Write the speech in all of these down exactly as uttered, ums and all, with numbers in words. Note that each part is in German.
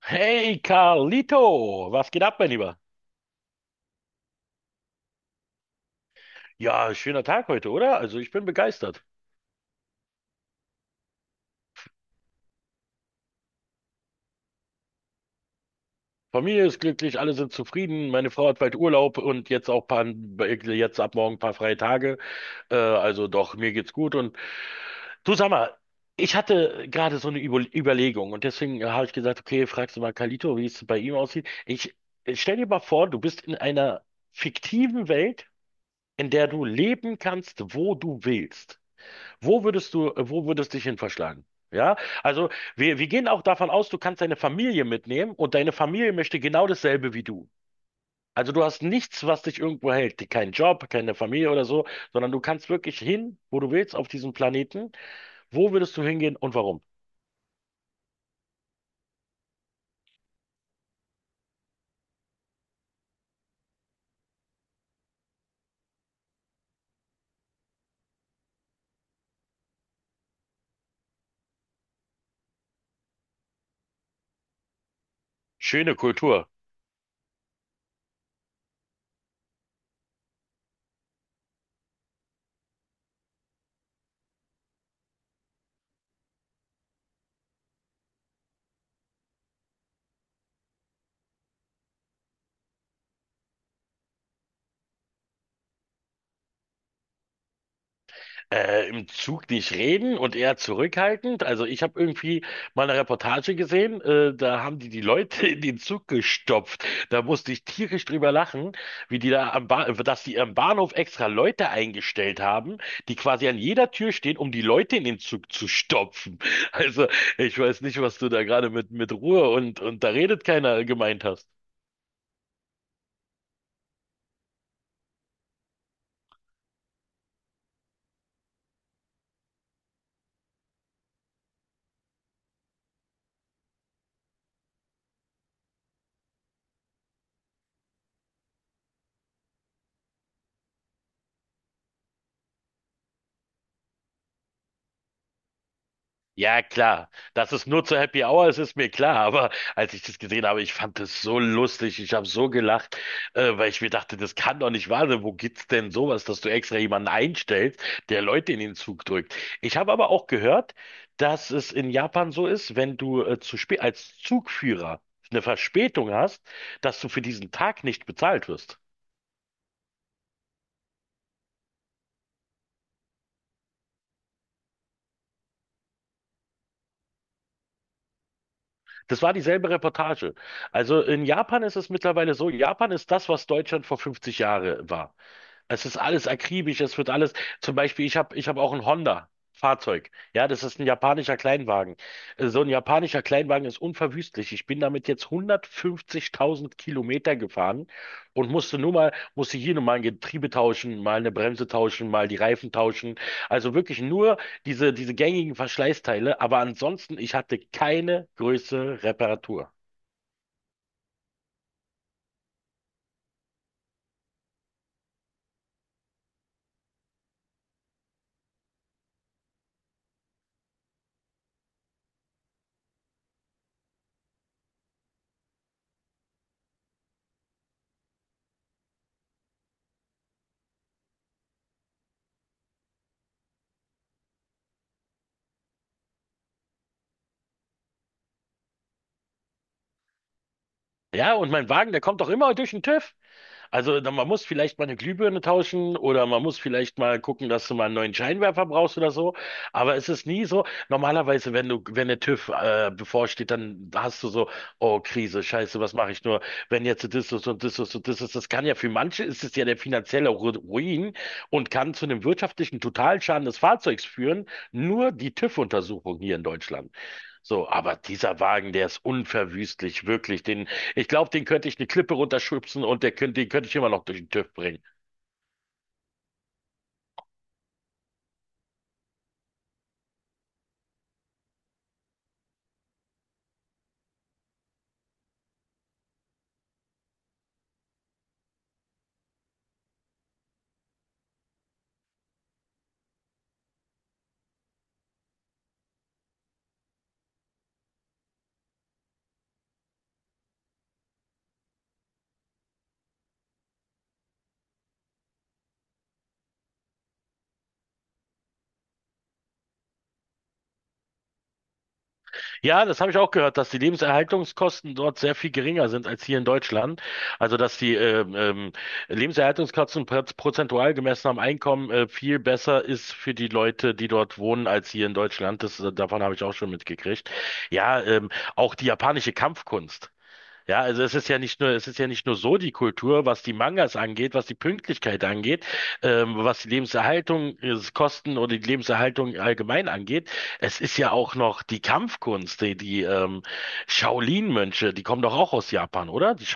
Hey Carlito, was geht ab, mein Lieber? Ja, schöner Tag heute, oder? Also ich bin begeistert. Familie ist glücklich, alle sind zufrieden. Meine Frau hat bald Urlaub und jetzt auch paar, jetzt ab morgen ein paar freie Tage. Äh, also doch, mir geht's gut. Und du sag mal, ich hatte gerade so eine Über Überlegung und deswegen äh, habe ich gesagt, okay, fragst du mal Carlito, wie es bei ihm aussieht. Ich ich stell dir mal vor, du bist in einer fiktiven Welt, in der du leben kannst, wo du willst. Wo würdest du, äh, wo würdest dich hin verschlagen? Ja, also wir, wir gehen auch davon aus, du kannst deine Familie mitnehmen und deine Familie möchte genau dasselbe wie du. Also du hast nichts, was dich irgendwo hält, keinen Job, keine Familie oder so, sondern du kannst wirklich hin, wo du willst auf diesem Planeten. Wo würdest du hingehen und warum? Schöne Kultur. Äh, im Zug nicht reden und eher zurückhaltend. Also ich habe irgendwie mal eine Reportage gesehen, äh, da haben die die Leute in den Zug gestopft. Da musste ich tierisch drüber lachen, wie die da am ba dass die am Bahnhof extra Leute eingestellt haben, die quasi an jeder Tür stehen, um die Leute in den Zug zu stopfen. Also ich weiß nicht, was du da gerade mit mit Ruhe und und da redet keiner gemeint hast. Ja, klar. Dass es nur zur Happy Hour ist, ist mir klar. Aber als ich das gesehen habe, ich fand das so lustig. Ich habe so gelacht, äh, weil ich mir dachte, das kann doch nicht wahr sein. Wo gibt's denn sowas, dass du extra jemanden einstellst, der Leute in den Zug drückt? Ich habe aber auch gehört, dass es in Japan so ist, wenn du äh, zu spät als Zugführer eine Verspätung hast, dass du für diesen Tag nicht bezahlt wirst. Das war dieselbe Reportage. Also in Japan ist es mittlerweile so, Japan ist das, was Deutschland vor fünfzig Jahren war. Es ist alles akribisch, es wird alles. Zum Beispiel, ich habe ich hab auch ein Honda-Fahrzeug. Ja, das ist ein japanischer Kleinwagen. Äh, So ein japanischer Kleinwagen ist unverwüstlich. Ich bin damit jetzt hundertfünfzigtausend Kilometer gefahren und musste nur mal, musste hier nur mal ein Getriebe tauschen, mal eine Bremse tauschen, mal die Reifen tauschen. Also wirklich nur diese, diese gängigen Verschleißteile. Aber ansonsten, ich hatte keine größere Reparatur. Ja, und mein Wagen, der kommt doch immer durch den TÜV. Also dann, man muss vielleicht mal eine Glühbirne tauschen oder man muss vielleicht mal gucken, dass du mal einen neuen Scheinwerfer brauchst oder so. Aber es ist nie so. Normalerweise, wenn du, wenn der TÜV äh, bevorsteht, dann hast du so, oh Krise, Scheiße, was mache ich nur, wenn jetzt das ist und das ist und das ist. Das kann ja für manche ist es ja der finanzielle Ru- Ruin und kann zu einem wirtschaftlichen Totalschaden des Fahrzeugs führen. Nur die TÜV-Untersuchung hier in Deutschland. So, aber dieser Wagen, der ist unverwüstlich, wirklich. Den, ich glaube, den könnte ich eine Klippe runterschubsen und der könnte, den könnte ich immer noch durch den TÜV bringen. Ja, das habe ich auch gehört, dass die Lebenserhaltungskosten dort sehr viel geringer sind als hier in Deutschland. Also, dass die ähm, ähm, Lebenserhaltungskosten pro- prozentual gemessen am Einkommen äh, viel besser ist für die Leute, die dort wohnen, als hier in Deutschland. Das, äh, davon habe ich auch schon mitgekriegt. Ja, ähm, auch die japanische Kampfkunst. Ja, also es ist ja nicht nur, es ist ja nicht nur so die Kultur, was die Mangas angeht, was die Pünktlichkeit angeht, ähm, was die Lebenserhaltung, äh, Kosten oder die Lebenserhaltung allgemein angeht. Es ist ja auch noch die Kampfkunst, die, die ähm, Shaolin-Mönche, die kommen doch auch aus Japan, oder? Die...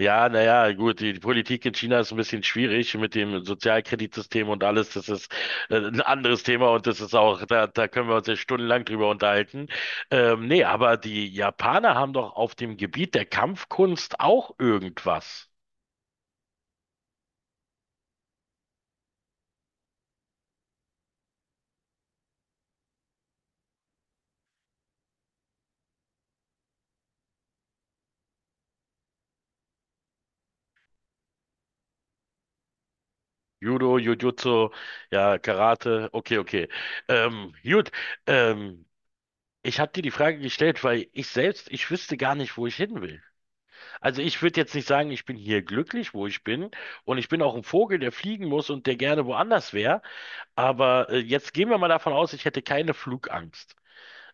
Ja, naja, gut, die, die Politik in China ist ein bisschen schwierig mit dem Sozialkreditsystem und alles. Das ist äh, ein anderes Thema und das ist auch, da, da können wir uns ja stundenlang drüber unterhalten. Ähm, nee, aber die Japaner haben doch auf dem Gebiet der Kampfkunst auch irgendwas. Judo, Jujutsu, ja, Karate, okay, okay. Ähm, gut, ähm, ich habe dir die Frage gestellt, weil ich selbst, ich wüsste gar nicht, wo ich hin will. Also ich würde jetzt nicht sagen, ich bin hier glücklich, wo ich bin. Und ich bin auch ein Vogel, der fliegen muss und der gerne woanders wäre. Aber äh, jetzt gehen wir mal davon aus, ich hätte keine Flugangst.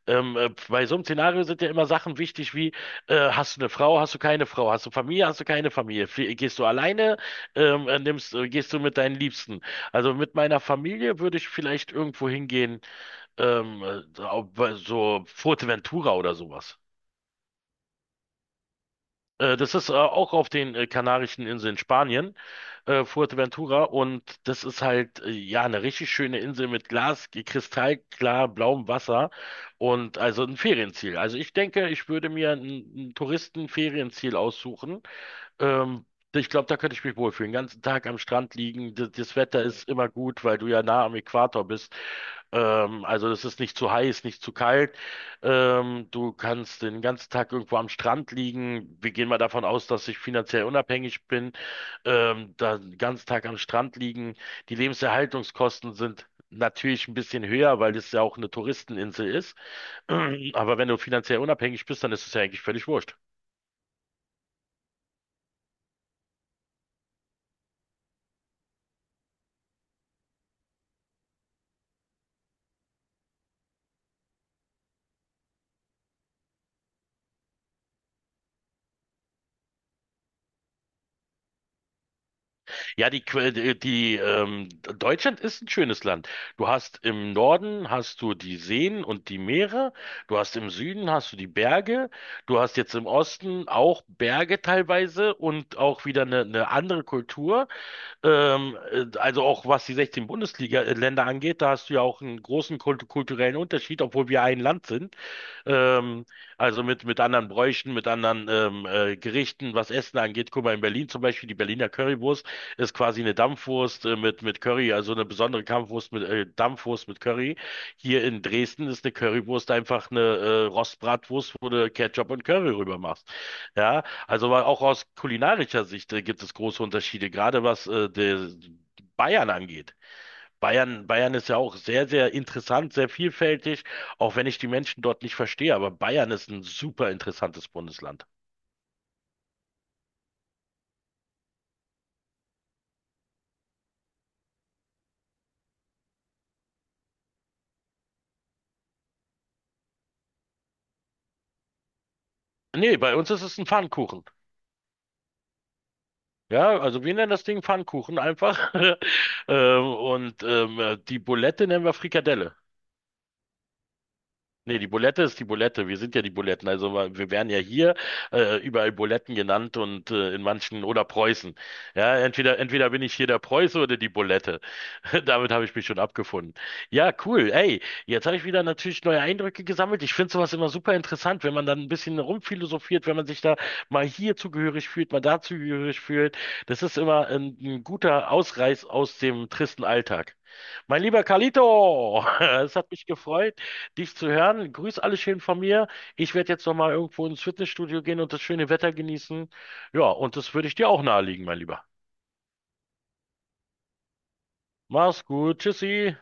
Ähm, äh, bei so einem Szenario sind ja immer Sachen wichtig wie, äh, hast du eine Frau, hast du keine Frau, hast du Familie, hast du keine Familie, Flie gehst du alleine, ähm, äh, nimmst, äh, gehst du mit deinen Liebsten. Also mit meiner Familie würde ich vielleicht irgendwo hingehen, ähm, äh, so Fuerteventura oder sowas. Äh, das ist äh, auch auf den äh, Kanarischen Inseln Spanien, äh, Fuerteventura. Und das ist halt, äh, ja, eine richtig schöne Insel mit Glas, kristallklar blauem Wasser und also ein Ferienziel. Also ich denke, ich würde mir ein, ein Touristenferienziel aussuchen, ähm, ich glaube, da könnte ich mich wohlfühlen. Den ganzen Tag am Strand liegen. Das, das Wetter ist immer gut, weil du ja nah am Äquator bist. Ähm, also es ist nicht zu heiß, nicht zu kalt. Ähm, du kannst den ganzen Tag irgendwo am Strand liegen. Wir gehen mal davon aus, dass ich finanziell unabhängig bin. Ähm, da den ganzen Tag am Strand liegen. Die Lebenserhaltungskosten sind natürlich ein bisschen höher, weil es ja auch eine Touristeninsel ist. Aber wenn du finanziell unabhängig bist, dann ist es ja eigentlich völlig wurscht. Ja, die, Que- die, die ähm, Deutschland ist ein schönes Land. Du hast im Norden hast du die Seen und die Meere, du hast im Süden hast du die Berge, du hast jetzt im Osten auch Berge teilweise und auch wieder eine, eine andere Kultur. Ähm, äh, also auch was die sechzehn Bundesliga-Länder angeht, da hast du ja auch einen großen kult kulturellen Unterschied, obwohl wir ein Land sind. Ähm, also mit, mit anderen Bräuchen, mit anderen ähm, äh, Gerichten, was Essen angeht. Guck mal, in Berlin zum Beispiel, die Berliner Currywurst ist quasi eine Dampfwurst äh, mit, mit Curry, also eine besondere Kampfwurst mit, äh, Dampfwurst mit Curry. Hier in Dresden ist eine Currywurst einfach eine äh, Rostbratwurst, wo du Ketchup und Curry rüber machst. Ja, also war auch aus kulinarischer Sicht äh, gibt es große Unterschiede, gerade was äh, der Bayern angeht. Bayern, Bayern ist ja auch sehr, sehr interessant, sehr vielfältig, auch wenn ich die Menschen dort nicht verstehe. Aber Bayern ist ein super interessantes Bundesland. Nee, bei uns ist es ein Pfannkuchen. Ja, also wir nennen das Ding Pfannkuchen einfach. Ähm, und ähm, die Bulette nennen wir Frikadelle. Nee, die Bulette ist die Bulette. Wir sind ja die Buletten. Also wa- wir werden ja hier äh, überall Buletten genannt und äh, in manchen oder Preußen. Ja, entweder entweder bin ich hier der Preuße oder die Bulette. Damit habe ich mich schon abgefunden. Ja, cool. Ey, jetzt habe ich wieder natürlich neue Eindrücke gesammelt. Ich finde sowas immer super interessant, wenn man dann ein bisschen rumphilosophiert, wenn man sich da mal hier zugehörig fühlt, mal da zugehörig fühlt. Das ist immer ein, ein guter Ausreiß aus dem tristen Alltag. Mein lieber Carlito, es hat mich gefreut dich zu hören. Grüß alle schön von mir. Ich werde jetzt nochmal irgendwo ins Fitnessstudio gehen und das schöne Wetter genießen. Ja, und das würde ich dir auch nahelegen, mein Lieber. Mach's gut. Tschüssi.